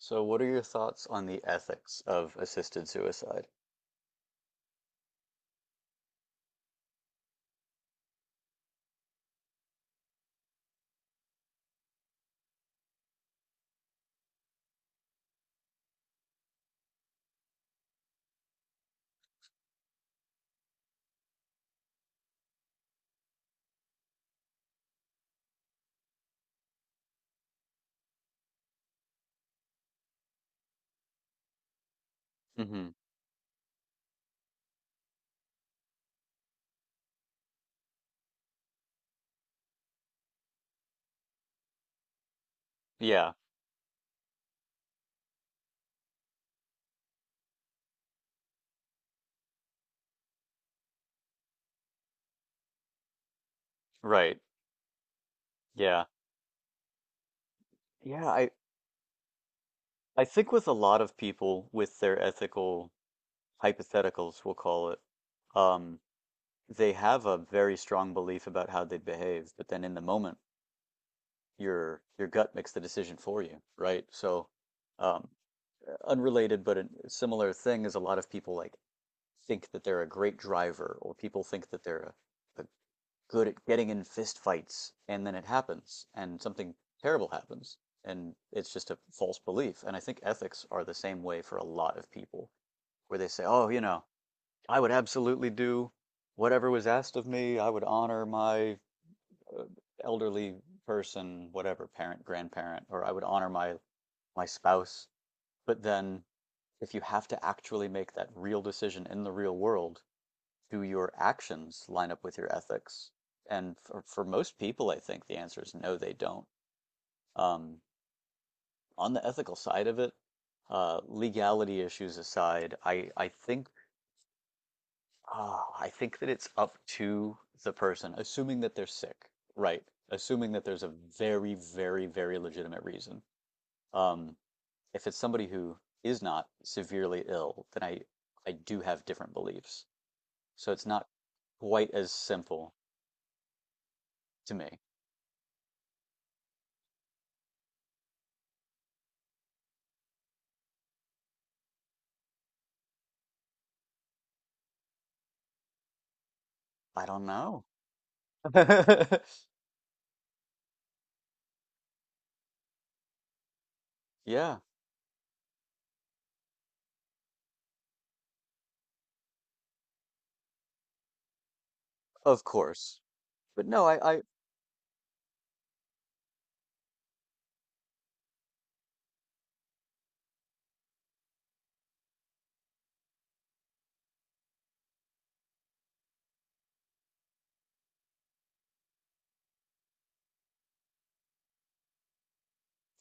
So, what are your thoughts on the ethics of assisted suicide? Hmm. Yeah, right. Yeah. Yeah, I think with a lot of people with their ethical hypotheticals, we'll call it, um, they have a very strong belief about how they'd behave, but then in the moment, your gut makes the decision for you, right? So, um, unrelated but a similar thing is a lot of people like think that they're a great driver, or people think that they're a good at getting in fist fights, and then it happens and something terrible happens, and it's just a false belief. And I think ethics are the same way for a lot of people, where they say, oh, you know, I would absolutely do whatever was asked of me. I would honor my uh, elderly person, whatever, parent, grandparent, or I would honor my spouse. But then if you have to actually make that real decision in the real world, do your actions line up with your ethics? And for, most people, I think the answer is no, they don't. Um, on the ethical side of it, legality issues aside, I think I think that it's up to the person, assuming that they're sick, right? Assuming that there's a very, very, very legitimate reason. Um, if it's somebody who is not severely ill, then I do have different beliefs. So it's not quite as simple to me. I don't know. Yeah, of course. But no,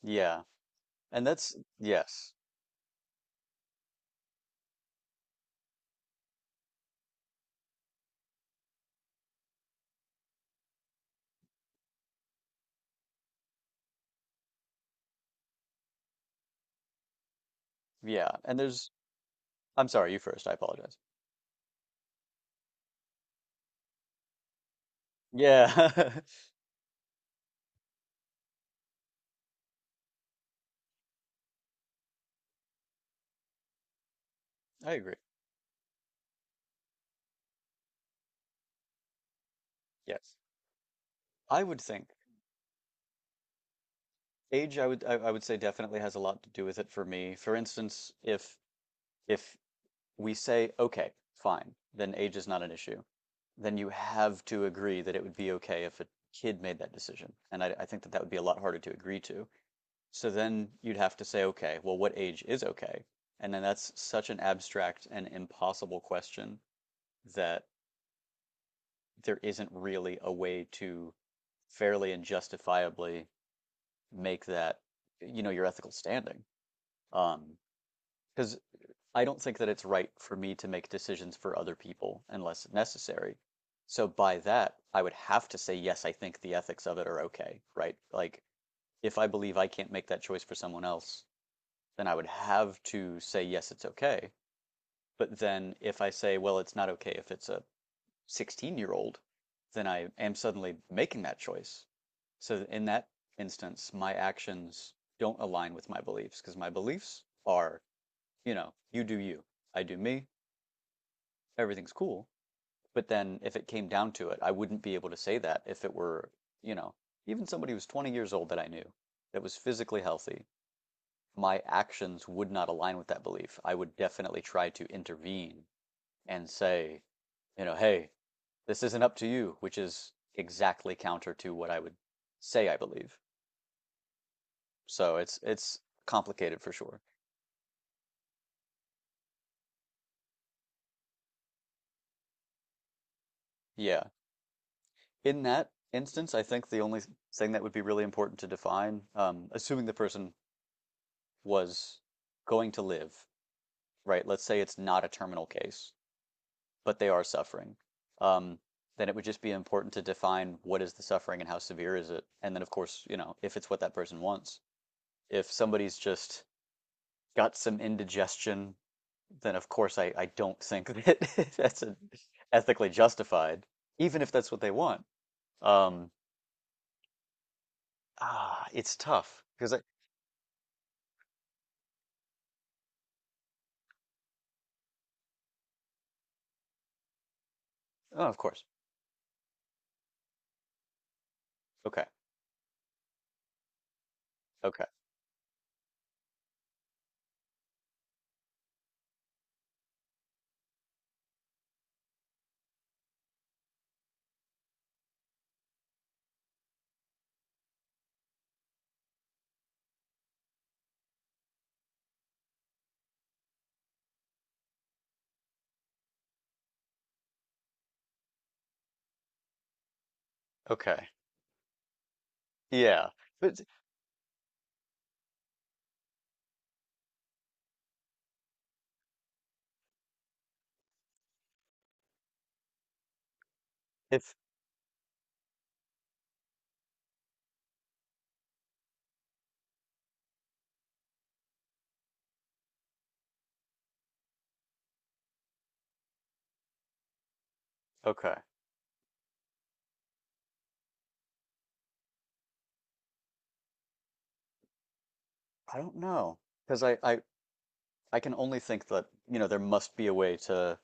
yeah. And that's, yes. Yeah. And there's, I'm sorry, you first. I apologize. Yeah. I agree. Yes. I would think age, I would say definitely has a lot to do with it for me. For instance, if we say, okay, fine, then age is not an issue, then you have to agree that it would be okay if a kid made that decision. And I think that that would be a lot harder to agree to. So then you'd have to say, okay, well, what age is okay? And then that's such an abstract and impossible question that there isn't really a way to fairly and justifiably make that, you know, your ethical standing. Um, because I don't think that it's right for me to make decisions for other people unless necessary. So by that, I would have to say, yes, I think the ethics of it are okay, right? Like, if I believe I can't make that choice for someone else, then I would have to say, yes, it's okay. But then if I say, well, it's not okay if it's a 16-year-old, then I am suddenly making that choice. So in that instance, my actions don't align with my beliefs, because my beliefs are, you know, you do you, I do me, everything's cool. But then if it came down to it, I wouldn't be able to say that if it were, you know, even somebody who was 20 years old that I knew that was physically healthy, my actions would not align with that belief. I would definitely try to intervene and say, you know, hey, this isn't up to you, which is exactly counter to what I would say I believe. So it's complicated for sure. Yeah. In that instance, I think the only thing that would be really important to define, assuming the person was going to live, right? Let's say it's not a terminal case but they are suffering, um, then it would just be important to define what is the suffering and how severe is it. And then, of course, you know, if it's what that person wants. If somebody's just got some indigestion, then of course I don't think that that's a, ethically justified, even if that's what they want. Um, it's tough because I, oh, of course. Okay. Okay. Okay. Yeah. But if, okay. I don't know because I can only think that, you know, there must be a way to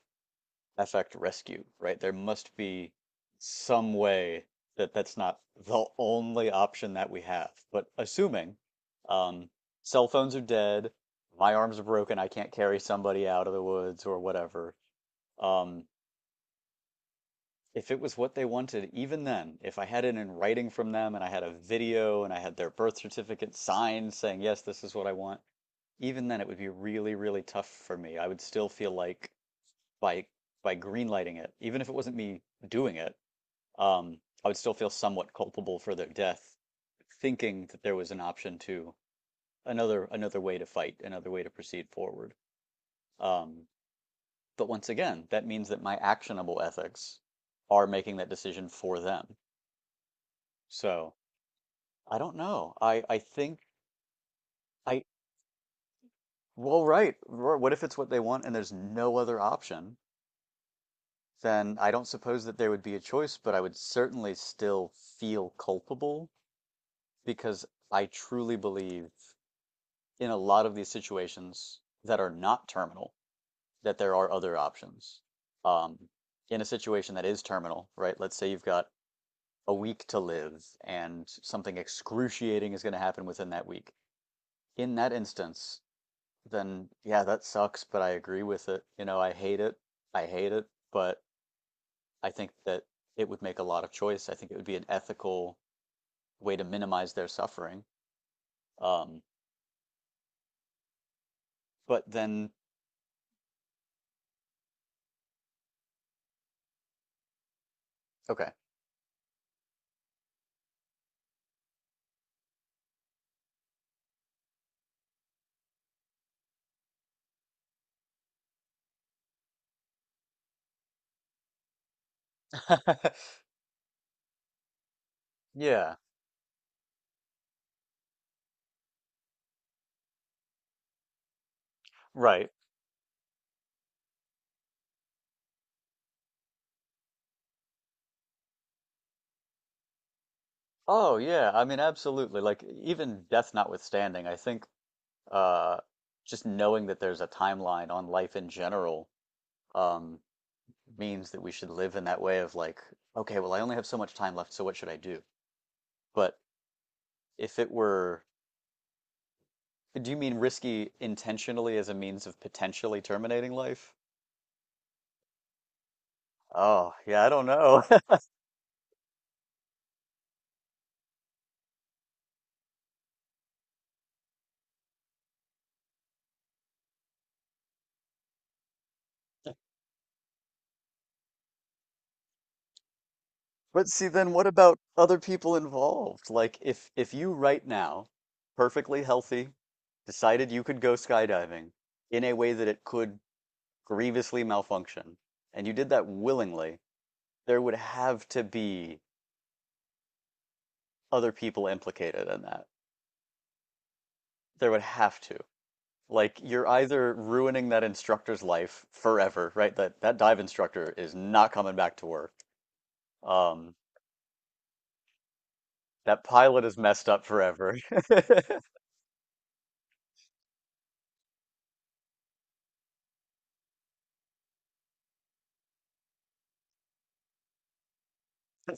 affect rescue, right? There must be some way that that's not the only option that we have. But assuming um, cell phones are dead, my arms are broken, I can't carry somebody out of the woods or whatever. Um, if it was what they wanted, even then, if I had it in writing from them and I had a video and I had their birth certificate signed saying, yes, this is what I want, even then it would be really, really tough for me. I would still feel like by by greenlighting it, even if it wasn't me doing it, um, I would still feel somewhat culpable for their death, thinking that there was an option to another way to fight, another way to proceed forward. Um, but once again, that means that my actionable ethics are making that decision for them. So I don't know. I think I Well, right. What if it's what they want and there's no other option? Then I don't suppose that there would be a choice, but I would certainly still feel culpable, because I truly believe in a lot of these situations that are not terminal that there are other options. Um, in a situation that is terminal, right? Let's say you've got a week to live and something excruciating is going to happen within that week. In that instance, then yeah, that sucks, but I agree with it. You know, I hate it. I hate it, but I think that it would make a lot of choice. I think it would be an ethical way to minimize their suffering. Um, but then, okay. Yeah, right. Oh, yeah. I mean, absolutely. Like, even death notwithstanding, I think uh just knowing that there's a timeline on life in general um means that we should live in that way of like, okay, well, I only have so much time left, so what should I do? But if it were, do you mean risky intentionally as a means of potentially terminating life? Oh, yeah, I don't know. But see, then what about other people involved? Like, if you right now, perfectly healthy, decided you could go skydiving in a way that it could grievously malfunction, and you did that willingly, there would have to be other people implicated in that. There would have to. Like, you're either ruining that instructor's life forever, right? That dive instructor is not coming back to work. Um, that pilot is messed up forever.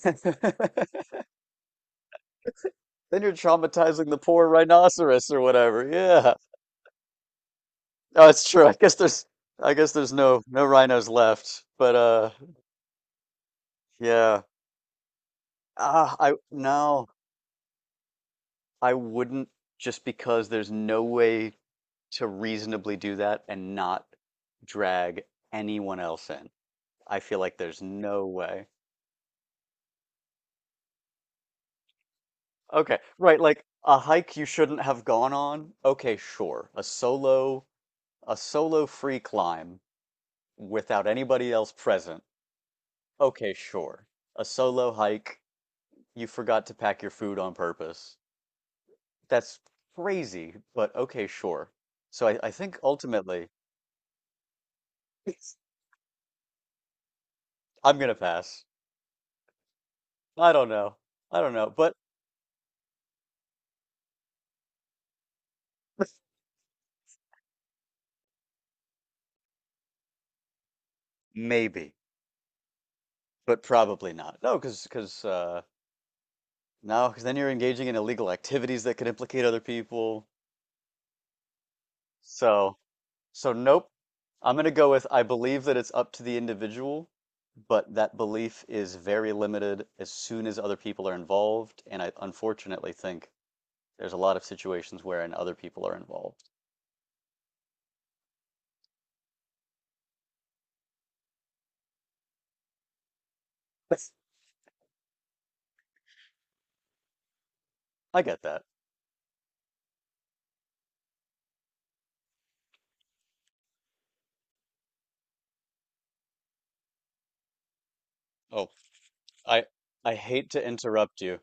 Then you're traumatizing the poor rhinoceros or whatever. Yeah. Oh, it's true. I guess there's no rhinos left. But yeah. Ah, I no, I wouldn't, just because there's no way to reasonably do that and not drag anyone else in. I feel like there's no way. Okay, right, like a hike you shouldn't have gone on. Okay, sure. A solo free climb without anybody else present. Okay, sure. A solo hike, you forgot to pack your food on purpose. That's crazy, but okay, sure. So I think ultimately I'm gonna pass. I don't know. I don't know, but maybe, but probably not. No, because, no, because then you're engaging in illegal activities that could implicate other people. So nope. I'm going to go with I believe that it's up to the individual, but that belief is very limited as soon as other people are involved. And I unfortunately think there's a lot of situations wherein other people are involved. I get that. Oh, I I hate to interrupt you.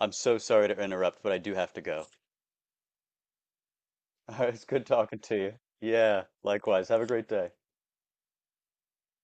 I'm so sorry to interrupt, but I do have to go. It's good talking to you. Yeah, likewise. Have a great day.